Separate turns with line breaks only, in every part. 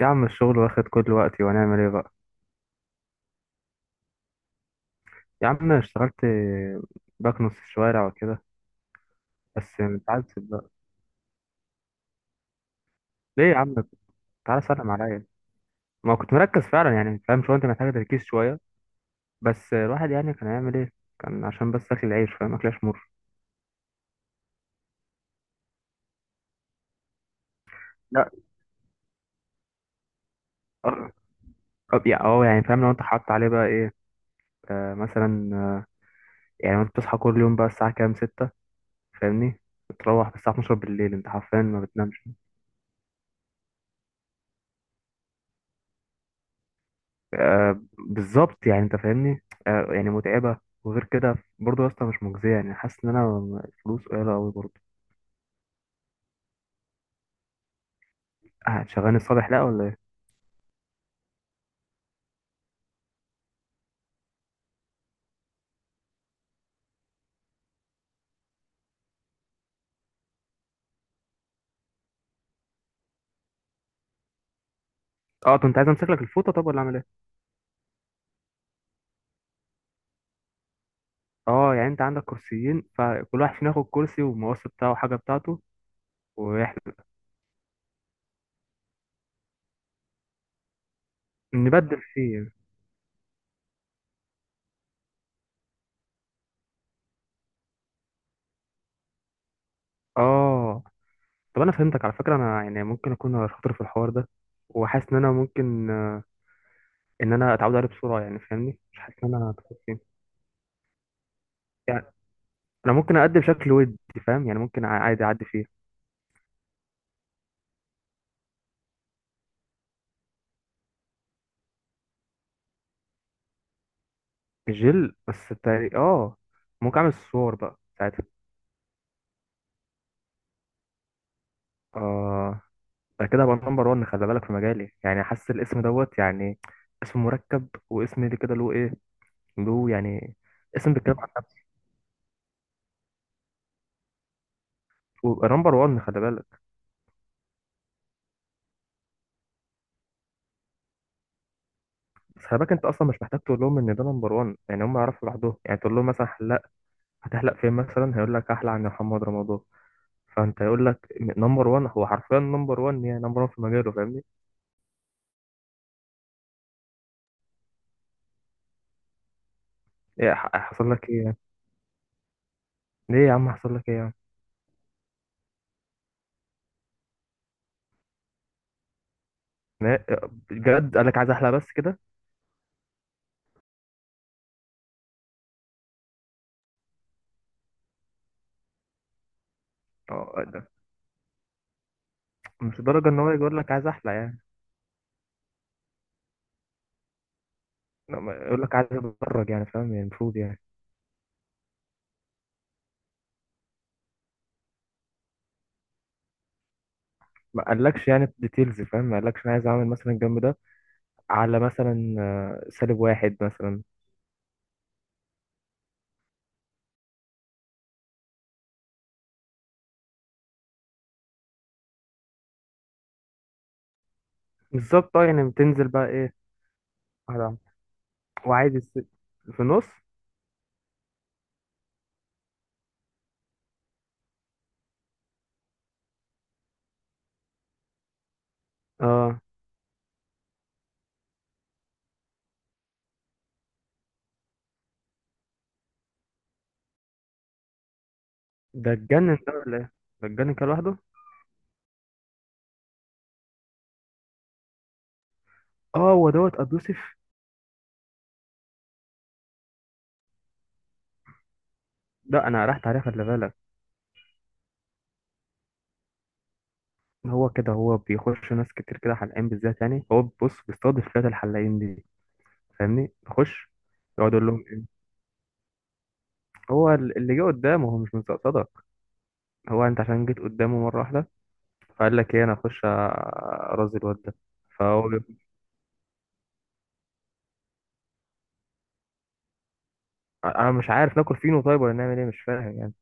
يا عم الشغل واخد كل وقتي وهنعمل ايه بقى. يا عم أنا اشتغلت بكنس في الشوارع وكده، بس مش عايز بقى. ليه يا عم؟ تعالى سلم عليا. ما كنت مركز فعلا يعني، فاهم شويه، انت محتاج تركيز شويه، بس الواحد يعني كان هيعمل ايه؟ كان عشان بس اكل العيش، فاهم، اكل عيش مر. لا. اه. يعني اه يعني فاهم، لو انت حاطط عليه بقى ايه؟ مثلا، يعني انت بتصحى كل يوم بقى الساعه كام؟ 6، فاهمني، بتروح الساعه 12 بالليل، انت حرفيا ما بتنامش. آه بالظبط، يعني انت فاهمني، آه يعني متعبه. وغير كده برضه يا اسطى مش مجزيه، يعني حاسس ان انا الفلوس قليله قوي برضه. هتشغلني الصبح لا ولا ايه؟ اه طب انت عايز امسك لك الفوطه طب ولا اعمل ايه؟ اه يعني انت عندك كرسيين، فكل واحد فينا ياخد كرسي والمقص بتاعه وحاجه بتاعته واحنا نبدل فيه. اه طب انا فهمتك على فكره. انا يعني ممكن اكون شاطر في الحوار ده، وحاسس ان انا ممكن ان انا اتعود عليه بسرعه، يعني فاهمني، مش حاسس ان انا هتخاف فيه. يعني انا ممكن اقدم بشكل ودي، فاهم، يعني ممكن عادي اعدي فيه. جل، بس تاري اه ممكن اعمل الصور بقى ساعتها. اه ده كده هبقى نمبر 1، خلي بالك، في مجالي، يعني حاسس الاسم دوت يعني، اسم مركب واسم اللي كده له ايه، له يعني. اسم بيتكلم عن نفسه، ويبقى نمبر 1 خلي بالك. بس خلي بالك انت اصلا مش محتاج تقول لهم ان ده نمبر 1، يعني هم يعرفوا لوحدهم، يعني تقول لهم مثلا حلاق هتحلق فين مثلا، هيقول لك احلق عند محمد رمضان. فانت يقول لك نمبر 1، هو حرفيا نمبر 1، يعني نمبر 1 في مجاله فاهمني. ايه حصل لك ايه يعني؟ ليه يا عم حصل لك ايه يعني؟ لا، بجد قال لك عايز احلى بس كده؟ اه ده مش درجه ان هو يجي يقول لك عايز احلى يعني. لا، يقول لك عايز اتدرج يعني، فاهم يعني، المفروض يعني. ما قالكش يعني ديتيلز، فاهم، ما قالكش انا عايز اعمل مثلا الجنب ده على مثلا سالب واحد مثلا. بالظبط اه، يعني بتنزل بقى ايه؟ على وعادي الس... في النص. اه ده اتجنن ده ولا ايه؟ ده اتجنن كده لوحده. اه هو دوت ابو يوسف. لا انا رحت عليه خلي بالك. هو كده، هو بيخش ناس كتير كده حلقان بالذات، يعني هو بص بيستضيف فئة الحلاقين دي فاهمني، نخش. يقعد يقول لهم هو اللي جه قدامه هو مش مستقصدك، هو انت عشان جيت قدامه مره واحده، فقال لك ايه انا اخش ارازي الواد ده. فهو بي- انا مش عارف ناكل فينو طيب ولا نعمل ايه، مش فاهم يعني.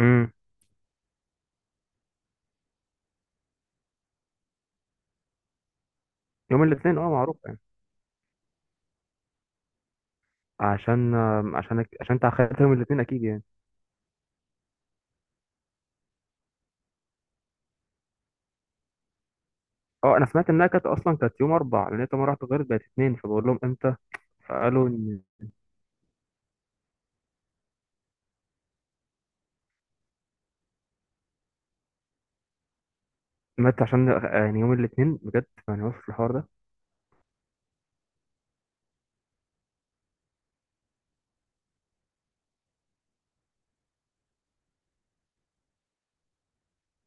امم يوم الاثنين اه معروف يعني. عشان عشان انت اخدت يوم الاثنين اكيد يعني. اه انا سمعت انها كانت اصلا كانت يوم اربع، لان انت مره واحده غيرت بقت اثنين، فبقول لهم امتى، فقالوا ان. مات عشان، يعني يوم الاثنين بجد، يعني وصل الحوار ده.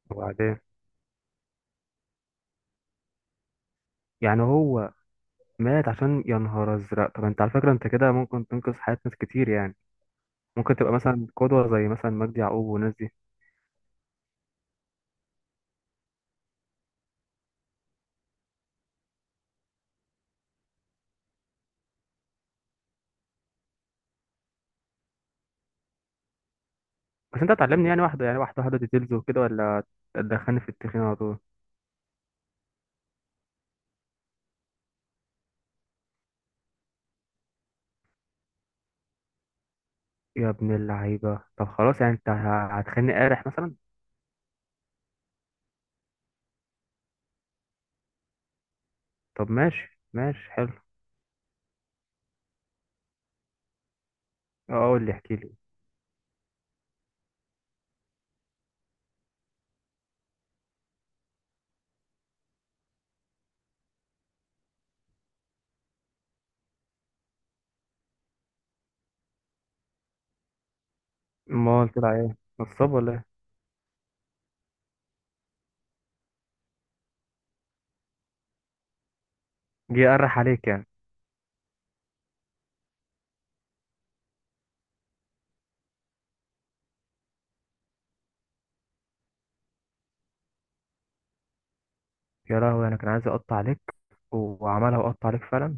وبعدين يعني هو مات عشان، يا نهار ازرق. طب انت على فكره انت كده ممكن تنقذ حياه ناس كتير يعني، ممكن تبقى مثلا قدوه زي مثلا مجدي يعقوب والناس دي. بس انت هتعلمني يعني واحده، يعني واحده ديتيلز وكده، ولا تدخلني في التخين على طول؟ يا ابن اللعيبه طب خلاص، يعني انت هتخليني قارح مثلا؟ طب ماشي ماشي حلو. اه قول لي احكي لي. امال طلع ايه، نصاب ولا ايه؟ جه يقرح عليك يعني. يا لهوي، انا كان عايز اقطع عليك، وعملها وقطع عليك فعلا.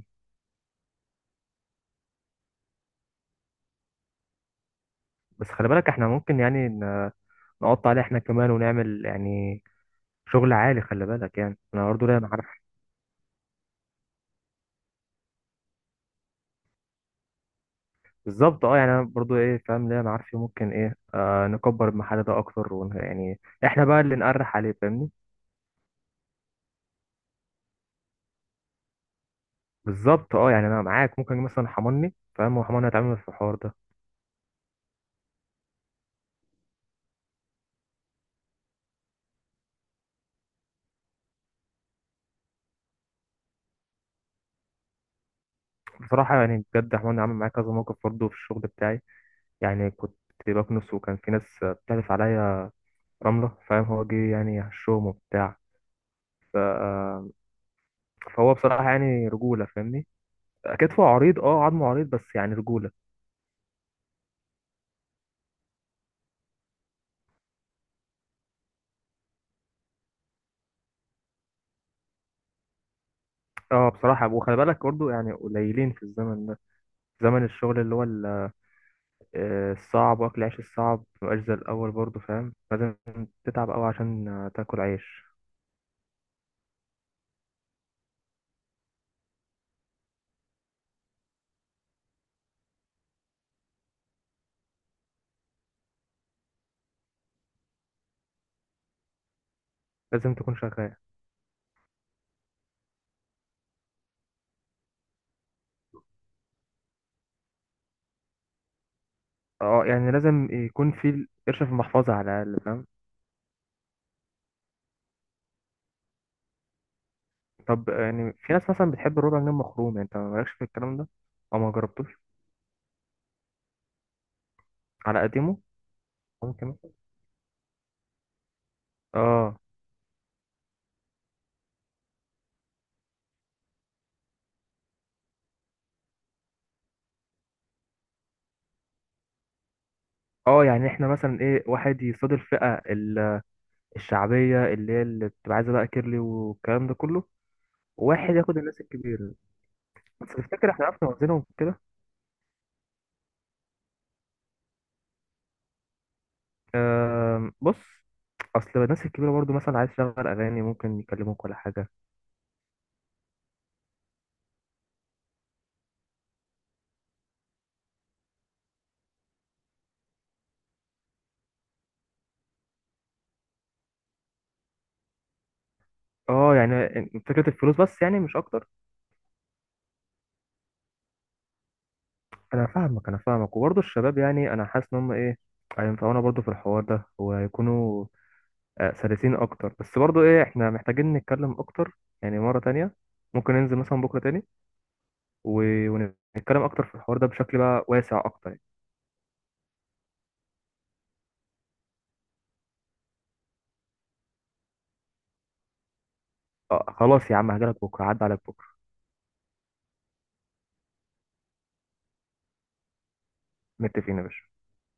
بس خلي بالك احنا ممكن يعني نقطع عليه احنا كمان، ونعمل يعني شغل عالي خلي بالك، يعني انا برضه ليا معارف. بالظبط اه، يعني انا برضه ايه فاهم، ليا معارف فيه، ممكن ايه آه نكبر المحل ده اكتر يعني احنا بقى اللي نقرح عليه فاهمني. بالظبط اه، يعني انا معاك، ممكن مثلا حماني فاهم، وحماني هيتعامل في الحوار ده. بصراحه يعني بجد، حماني عامل معايا كذا موقف برضه في الشغل بتاعي. يعني كنت بكنس، وكان في ناس بتعرف عليا رمله، فاهم، هو جه يعني هشهم وبتاع، ف... آه، فهو بصراحه يعني رجوله فاهمني. كتفه عريض، اه، عظمه عريض، بس يعني رجوله. اه بصراحة. وخلي بالك برضه يعني قليلين في الزمن ده، زمن الشغل اللي هو الصعب، واكل عيش الصعب مبقاش زي الأول برضه فاهم، لازم تتعب أوي عشان تاكل عيش. لازم تكون شغال. اه يعني لازم يكون في قرش في المحفظة على الأقل فاهم. طب يعني في ناس مثلا بتحب الربع جنيه مخروم، انت مالكش في الكلام ده او ما جربتوش؟ على قديمه. ممكن. اه اه يعني احنا مثلا ايه، واحد يصادر الفئة الشعبية اللي هي اللي بتبقى عايزة بقى كيرلي والكلام ده كله، واحد ياخد الناس الكبيرة. بس تفتكر احنا عرفنا نوزنهم كده؟ أه بص، اصل الناس الكبيرة برضو مثلا عايز تشغل اغاني ممكن يكلموك ولا حاجة. اه يعني فكرة الفلوس بس يعني مش اكتر. انا فاهمك وبرضو الشباب، يعني انا حاسس ان هم ايه هينفعونا برضو في الحوار ده وهيكونوا سلسين اكتر، بس برضو ايه احنا محتاجين نتكلم اكتر يعني مرة تانية، ممكن ننزل مثلا بكرة تاني و... ونتكلم اكتر في الحوار ده بشكل بقى واسع اكتر يعني. آه خلاص يا عم هجيلك بكرة، عدى عليك بكرة. متفقين يا باشا.